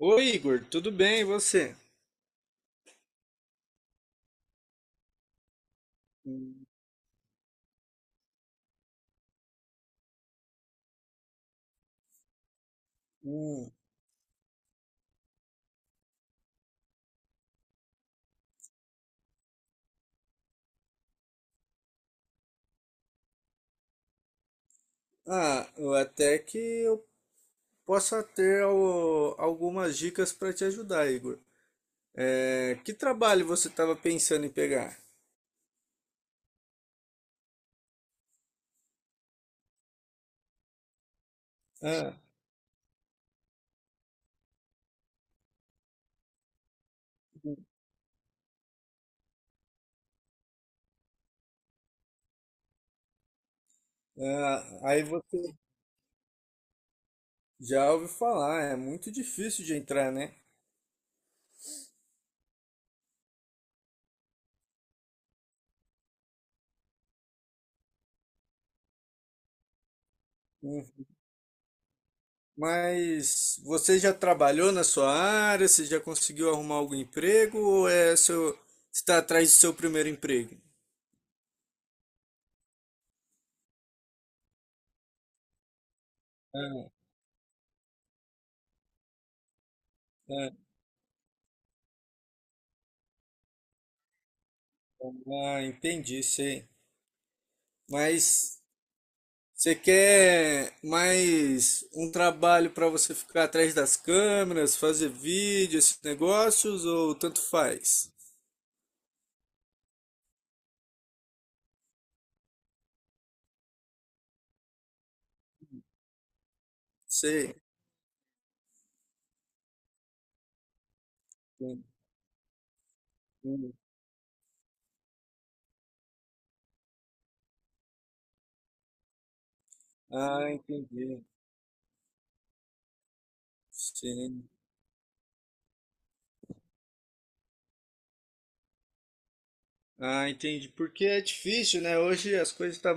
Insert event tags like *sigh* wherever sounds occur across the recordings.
Oi, Igor, tudo bem, e você? Hum. Ah, eu até que eu possa ter algumas dicas para te ajudar, Igor. É, que trabalho você estava pensando em pegar? Ah, aí você já ouviu falar, é muito difícil de entrar, né? Hum. Mas você já trabalhou na sua área? Você já conseguiu arrumar algum emprego? Ou é seu, está atrás do seu primeiro emprego? Ah, ah, entendi, sei. Mas você quer mais um trabalho para você ficar atrás das câmeras, fazer vídeo, esses negócios, ou tanto faz? Sei. Entendi. Ah, entendi. Sim. Ah, entendi. Porque é difícil, né? Hoje as coisas estão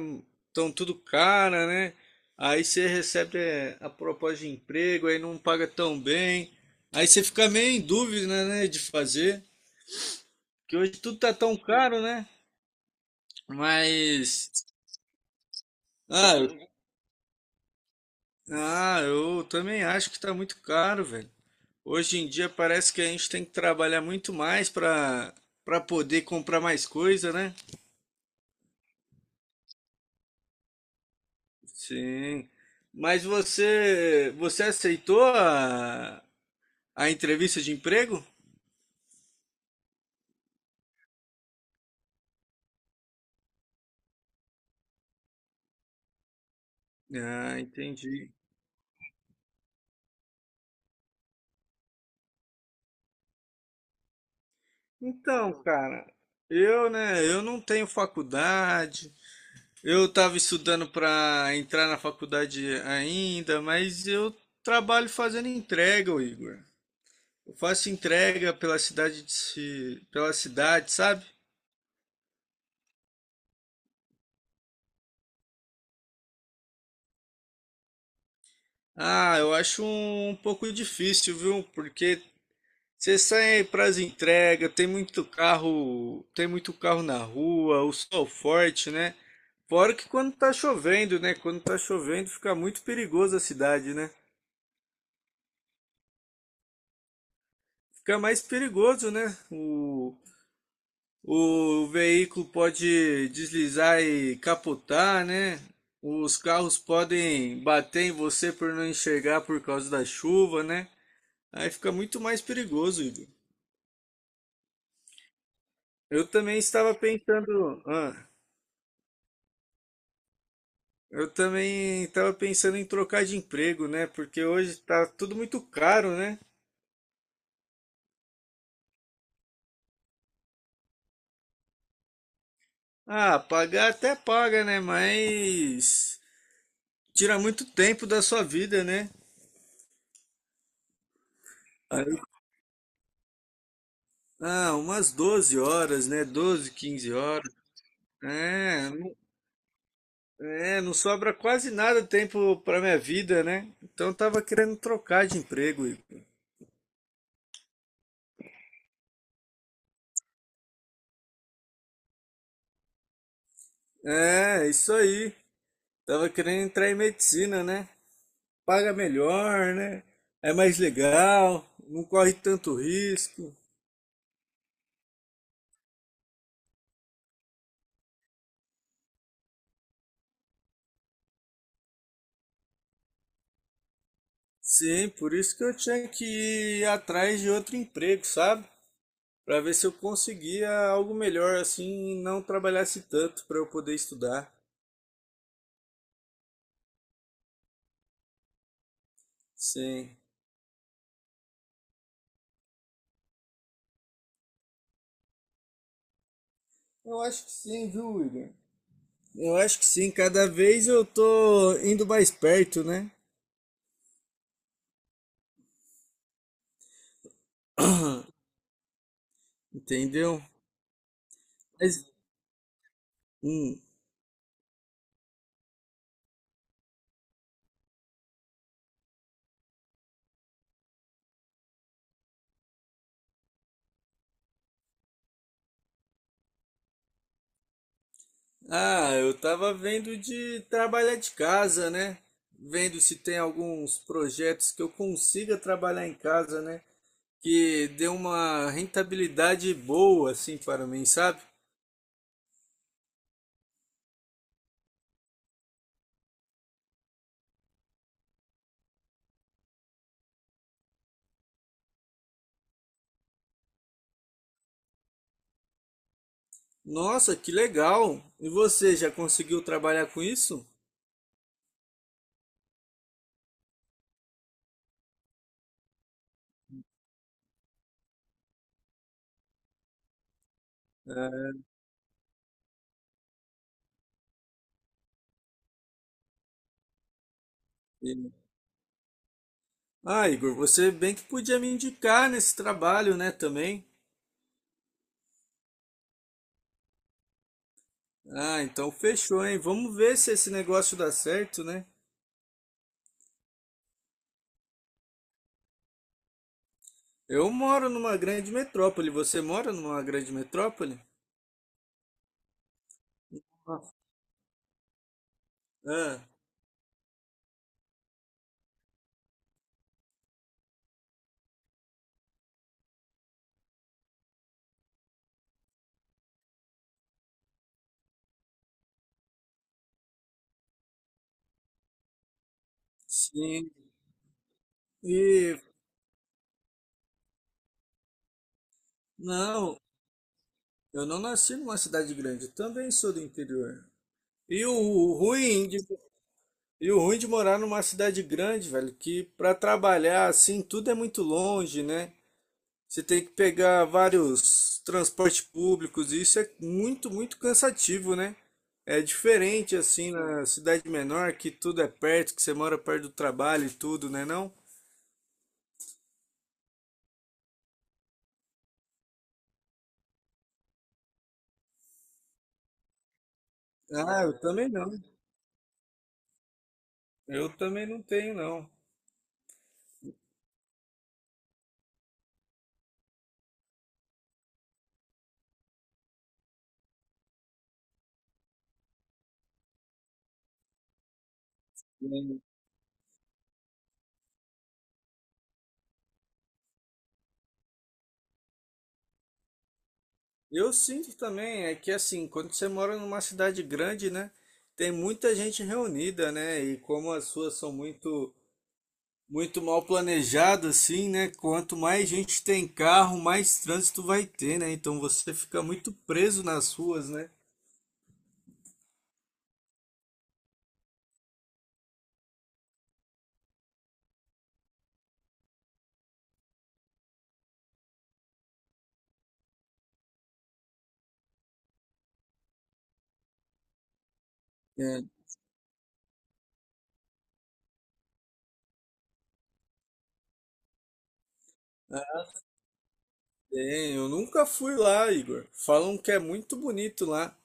tão tudo cara, né? Aí você recebe, é, a proposta de emprego, aí não paga tão bem. Aí você fica meio em dúvida, né, de fazer. Porque hoje tudo tá tão caro, né? Mas ah, eu também acho que tá muito caro, velho. Hoje em dia parece que a gente tem que trabalhar muito mais para poder comprar mais coisa, né? Sim. Mas você aceitou a entrevista de emprego? Ah, entendi. Então, cara, eu, né, eu não tenho faculdade. Eu estava estudando para entrar na faculdade ainda, mas eu trabalho fazendo entrega, ô Igor. Eu faço entrega pela cidade de, pela cidade, sabe? Ah, eu acho um, um pouco difícil, viu? Porque você sai para as entregas, tem muito carro na rua, o sol forte, né? Fora que quando tá chovendo, né? Quando tá chovendo fica muito perigoso a cidade, né? Fica mais perigoso, né? O veículo pode deslizar e capotar, né? Os carros podem bater em você por não enxergar por causa da chuva, né? Aí fica muito mais perigoso, Igor. Eu também estava pensando, ah, eu também estava pensando em trocar de emprego, né? Porque hoje tá tudo muito caro, né? Ah, pagar até paga, né? Mas tira muito tempo da sua vida, né? Aí- ah, umas 12 horas, né? 12, 15 horas. É, não, não sobra quase nada tempo para minha vida, né? Então eu tava querendo trocar de emprego, Igor. É, isso aí. Tava querendo entrar em medicina, né? Paga melhor, né? É mais legal, não corre tanto risco. Sim, por isso que eu tinha que ir atrás de outro emprego, sabe? Para ver se eu conseguia algo melhor assim, e não trabalhasse tanto para eu poder estudar. Sim. Eu acho que sim, viu, Igor? Eu acho que sim, cada vez eu tô indo mais perto, né? *clears throat* Entendeu? Mas, hum. Ah, eu tava vendo de trabalhar de casa, né? Vendo se tem alguns projetos que eu consiga trabalhar em casa, né? Que dê uma rentabilidade boa, assim, para mim, sabe? Nossa, que legal! E você já conseguiu trabalhar com isso? É. Ah, Igor, você bem que podia me indicar nesse trabalho, né, também. Ah, então fechou, hein? Vamos ver se esse negócio dá certo, né? Eu moro numa grande metrópole. Você mora numa grande metrópole? Ah, ah, sim. E não, eu não nasci numa cidade grande. Eu também sou do interior. E o ruim de, e o ruim de morar numa cidade grande, velho, que pra trabalhar assim tudo é muito longe, né? Você tem que pegar vários transportes públicos, e isso é muito, muito cansativo, né? É diferente assim na cidade menor, que tudo é perto, que você mora perto do trabalho e tudo, né não? Ah, eu também não. Eu também não tenho, não. Eu sinto também, é que assim, quando você mora numa cidade grande, né, tem muita gente reunida, né, e como as suas são muito mal planejado assim, né? Quanto mais gente tem carro, mais trânsito vai ter, né? Então você fica muito preso nas ruas, né? É, tem. Eu nunca fui lá, Igor. Falam que é muito bonito lá,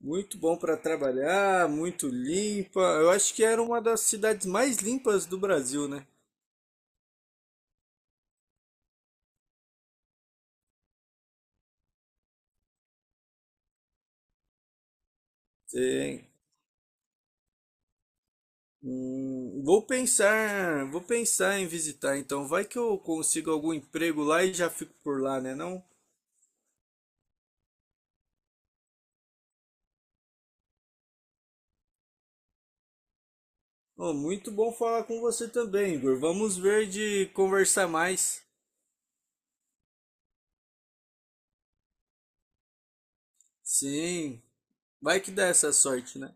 muito bom para trabalhar, muito limpa. Eu acho que era uma das cidades mais limpas do Brasil, né? Tem. Vou pensar em visitar, então vai que eu consigo algum emprego lá e já fico por lá, né? Não? Oh, muito bom falar com você também, Igor. Vamos ver de conversar mais. Sim, vai que dá essa sorte, né?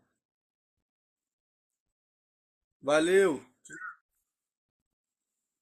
Valeu!